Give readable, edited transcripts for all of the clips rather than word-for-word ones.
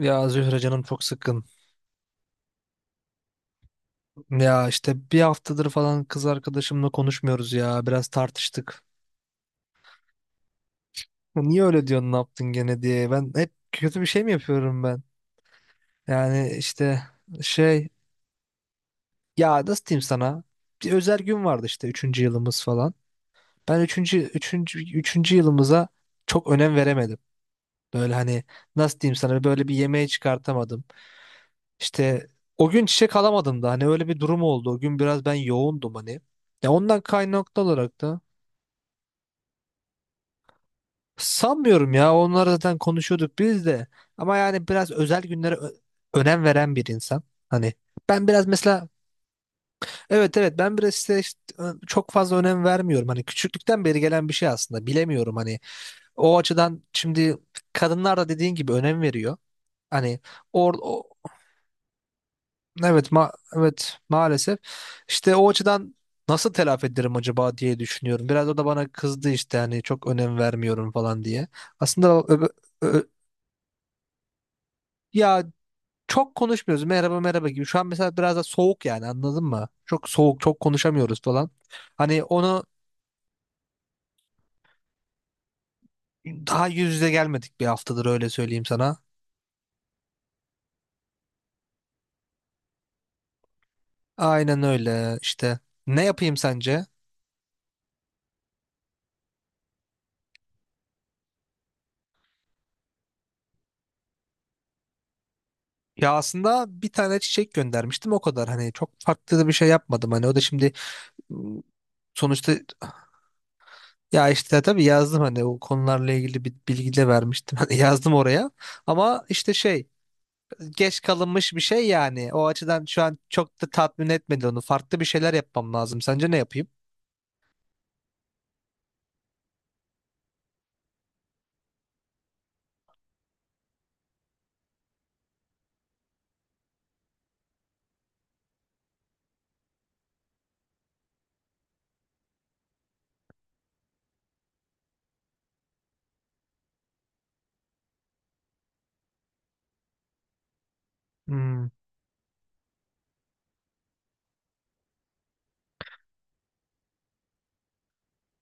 Ya Zühre canım çok sıkkın. Ya işte bir haftadır falan kız arkadaşımla konuşmuyoruz ya. Biraz tartıştık. Ya niye öyle diyorsun ne yaptın gene diye. Ben hep kötü bir şey mi yapıyorum ben? Yani işte şey, ya nasıl diyeyim sana? Bir özel gün vardı işte üçüncü yılımız falan. Ben üçüncü yılımıza çok önem veremedim. Böyle hani nasıl diyeyim sana, böyle bir yemeğe çıkartamadım. İşte o gün çiçek alamadım da, hani öyle bir durum oldu. O gün biraz ben yoğundum hani. Ya ondan kaynaklı olarak da sanmıyorum ya. Onları zaten konuşuyorduk biz de. Ama yani biraz özel günlere önem veren bir insan. Hani ben biraz mesela evet evet, ben biraz işte çok fazla önem vermiyorum. Hani küçüklükten beri gelen bir şey aslında. Bilemiyorum hani, o açıdan şimdi kadınlar da dediğin gibi önem veriyor. Hani or o- evet evet maalesef, işte o açıdan nasıl telafi ederim acaba diye düşünüyorum. Biraz o da bana kızdı işte, hani çok önem vermiyorum falan diye. Aslında ö- ö- Ya çok konuşmuyoruz. Merhaba merhaba gibi. Şu an mesela biraz da soğuk, yani anladın mı? Çok soğuk, çok konuşamıyoruz falan. Hani onu daha yüz yüze gelmedik bir haftadır, öyle söyleyeyim sana. Aynen öyle işte. Ne yapayım sence? Ya aslında bir tane çiçek göndermiştim, o kadar. Hani çok farklı da bir şey yapmadım. Hani o da şimdi ım, sonuçta ya işte tabii yazdım, hani o konularla ilgili bir bilgi de vermiştim. Hani yazdım oraya. Ama işte şey, geç kalınmış bir şey yani. O açıdan şu an çok da tatmin etmedi onu. Farklı bir şeyler yapmam lazım. Sence ne yapayım? Hmm.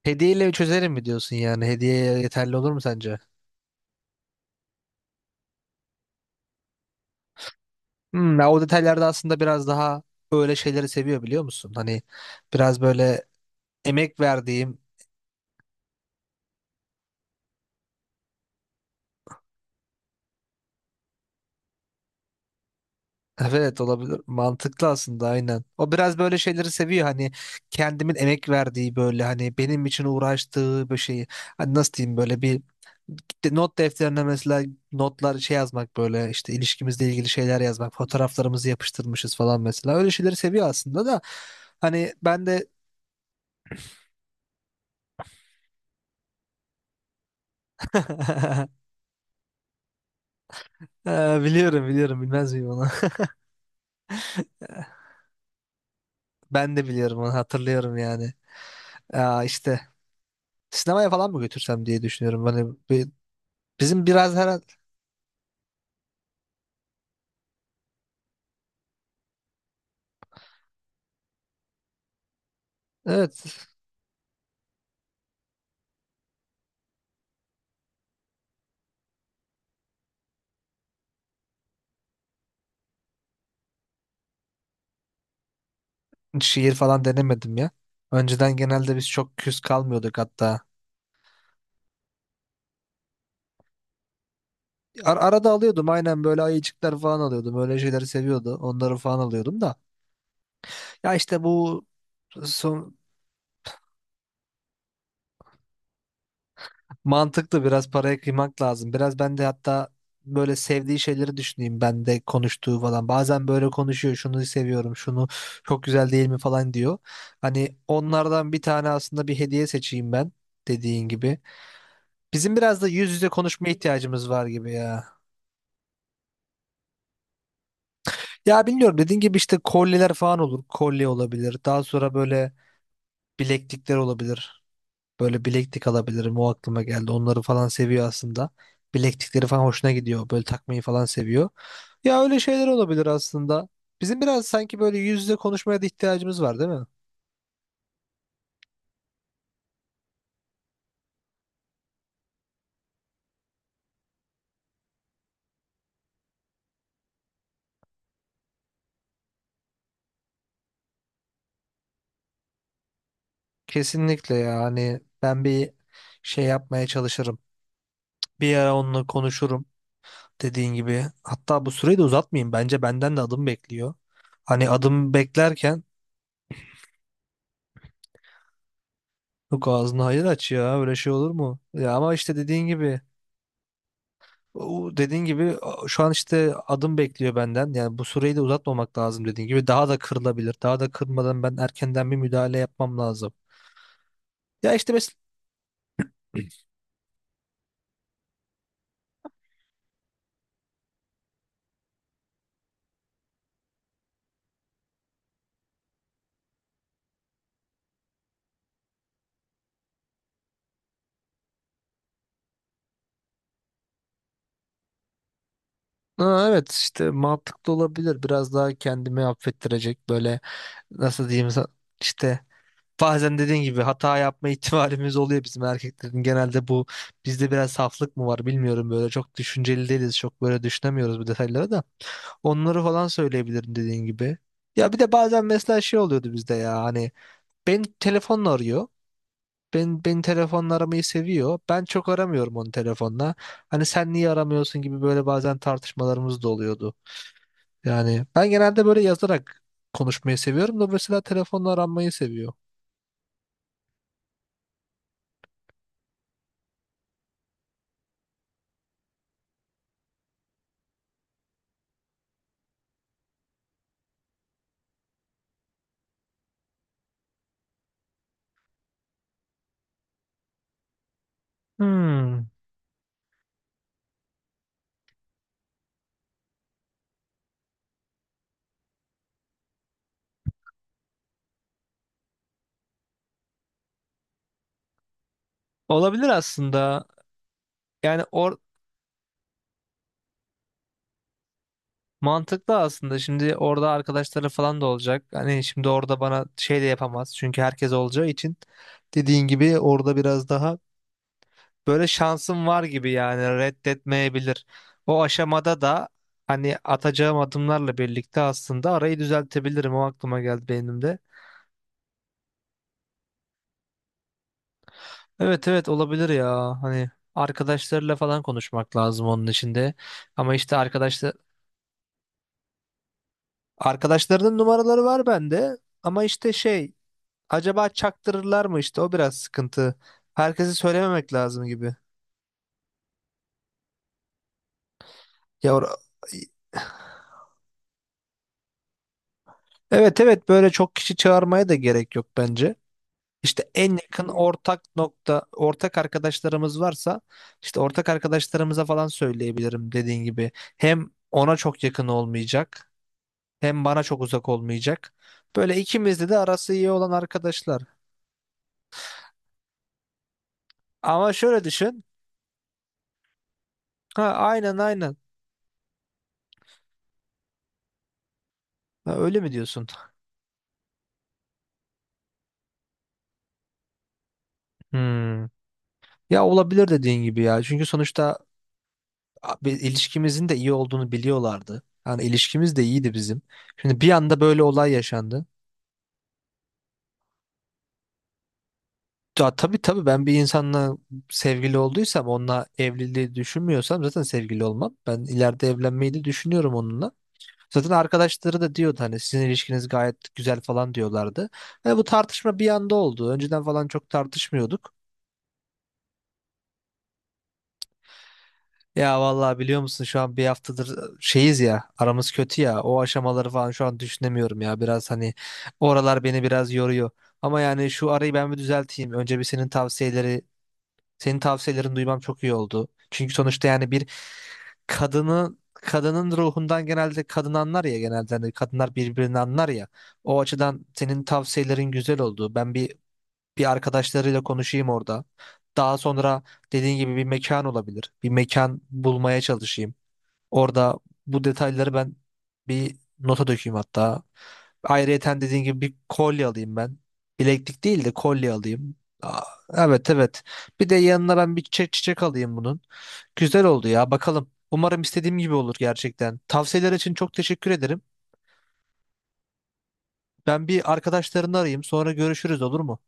Hediyeyle çözerim mi diyorsun yani? Hediye yeterli olur mu sence? Hmm, ya o detaylarda aslında biraz daha öyle şeyleri seviyor, biliyor musun? Hani biraz böyle emek verdiğim… Evet, olabilir. Mantıklı aslında, aynen. O biraz böyle şeyleri seviyor, hani kendimin emek verdiği, böyle hani benim için uğraştığı bir şeyi. Hani nasıl diyeyim, böyle bir not defterine mesela notlar şey yazmak, böyle işte ilişkimizle ilgili şeyler yazmak, fotoğraflarımızı yapıştırmışız falan, mesela öyle şeyleri seviyor aslında da hani ben de… Biliyorum biliyorum, bilmez miyim onu. Ben de biliyorum onu, hatırlıyorum yani. Aa, işte sinemaya falan mı götürsem diye düşünüyorum hani, bizim biraz her… Evet, şiir falan denemedim ya. Önceden genelde biz çok küs kalmıyorduk hatta. Arada alıyordum, aynen böyle ayıcıklar falan alıyordum. Öyle şeyleri seviyordu. Onları falan alıyordum da. Ya işte bu son, mantıklı biraz paraya kıymak lazım. Biraz ben de hatta böyle sevdiği şeyleri düşüneyim, ben de konuştuğu falan. Bazen böyle konuşuyor, şunu seviyorum şunu, çok güzel değil mi falan diyor. Hani onlardan bir tane aslında bir hediye seçeyim ben, dediğin gibi. Bizim biraz da yüz yüze konuşma ihtiyacımız var gibi ya. Ya bilmiyorum, dediğin gibi işte kolyeler falan olur. Kolye olabilir. Daha sonra böyle bileklikler olabilir. Böyle bileklik alabilirim. O aklıma geldi. Onları falan seviyor aslında. Bileklikleri falan hoşuna gidiyor. Böyle takmayı falan seviyor. Ya öyle şeyler olabilir aslında. Bizim biraz sanki böyle yüz yüze konuşmaya da ihtiyacımız var değil mi? Kesinlikle ya. Hani ben bir şey yapmaya çalışırım. Bir ara onunla konuşurum dediğin gibi. Hatta bu süreyi de uzatmayayım. Bence benden de adım bekliyor. Hani adım beklerken… Yok ağzını hayır aç ya, öyle şey olur mu? Ya ama işte dediğin gibi, dediğin gibi şu an işte adım bekliyor benden. Yani bu süreyi de uzatmamak lazım dediğin gibi. Daha da kırılabilir. Daha da kırmadan ben erkenden bir müdahale yapmam lazım. Ya işte mesela… Ha, evet işte mantıklı olabilir. Biraz daha kendimi affettirecek, böyle nasıl diyeyim işte, bazen dediğin gibi hata yapma ihtimalimiz oluyor bizim erkeklerin. Genelde bu, bizde biraz saflık mı var bilmiyorum, böyle çok düşünceli değiliz. Çok böyle düşünemiyoruz bu detayları da. Onları falan söyleyebilirim dediğin gibi. Ya bir de bazen mesela şey oluyordu bizde ya hani, ben telefonla arıyor. Ben telefonla aramayı seviyor. Ben çok aramıyorum onu telefonla. Hani sen niye aramıyorsun gibi, böyle bazen tartışmalarımız da oluyordu. Yani ben genelde böyle yazarak konuşmayı seviyorum da, mesela telefonla aranmayı seviyor. Hmm. Olabilir aslında. Yani or Mantıklı aslında. Şimdi orada arkadaşları falan da olacak. Hani şimdi orada bana şey de yapamaz. Çünkü herkes olacağı için dediğin gibi orada biraz daha böyle şansım var gibi, yani reddetmeyebilir. O aşamada da hani atacağım adımlarla birlikte aslında arayı düzeltebilirim. O aklıma geldi benim de. Evet evet, olabilir ya. Hani arkadaşlarıyla falan konuşmak lazım onun içinde. Ama işte arkadaşlarının numaraları var bende. Ama işte şey, acaba çaktırırlar mı işte, o biraz sıkıntı. Herkese söylememek lazım gibi. Ya or- Evet evet, böyle çok kişi çağırmaya da gerek yok bence. İşte en yakın ortak arkadaşlarımız varsa işte ortak arkadaşlarımıza falan söyleyebilirim dediğin gibi. Hem ona çok yakın olmayacak, hem bana çok uzak olmayacak. Böyle ikimizde de arası iyi olan arkadaşlar. Ama şöyle düşün. Ha aynen aynen. Ha, öyle mi diyorsun? Hmm. Ya olabilir dediğin gibi ya. Çünkü sonuçta bir ilişkimizin de iyi olduğunu biliyorlardı. Yani ilişkimiz de iyiydi bizim. Şimdi bir anda böyle olay yaşandı. Ya tabii tabii, ben bir insanla sevgili olduysam onunla evliliği düşünmüyorsam zaten sevgili olmam. Ben ileride evlenmeyi de düşünüyorum onunla. Zaten arkadaşları da diyordu hani sizin ilişkiniz gayet güzel falan diyorlardı. Ve bu tartışma bir anda oldu. Önceden falan çok tartışmıyorduk. Ya vallahi biliyor musun, şu an bir haftadır şeyiz ya, aramız kötü ya, o aşamaları falan şu an düşünemiyorum ya, biraz hani oralar beni biraz yoruyor. Ama yani şu arayı ben bir düzelteyim. Önce bir senin tavsiyeleri Senin tavsiyelerini duymam çok iyi oldu. Çünkü sonuçta yani bir kadının ruhundan genelde kadın anlar ya, genelde hani kadınlar birbirini anlar ya. O açıdan senin tavsiyelerin güzel oldu. Ben bir Bir arkadaşlarıyla konuşayım orada. Daha sonra dediğin gibi bir mekan olabilir. Bir mekan bulmaya çalışayım. Orada bu detayları ben bir nota dökeyim hatta. Ayrıyeten dediğin gibi bir kolye alayım ben. Bileklik değil de kolye alayım. Aa, evet evet. Bir de yanına ben bir çiçek alayım bunun. Güzel oldu ya, bakalım. Umarım istediğim gibi olur gerçekten. Tavsiyeler için çok teşekkür ederim. Ben bir arkadaşlarını arayayım, sonra görüşürüz olur mu?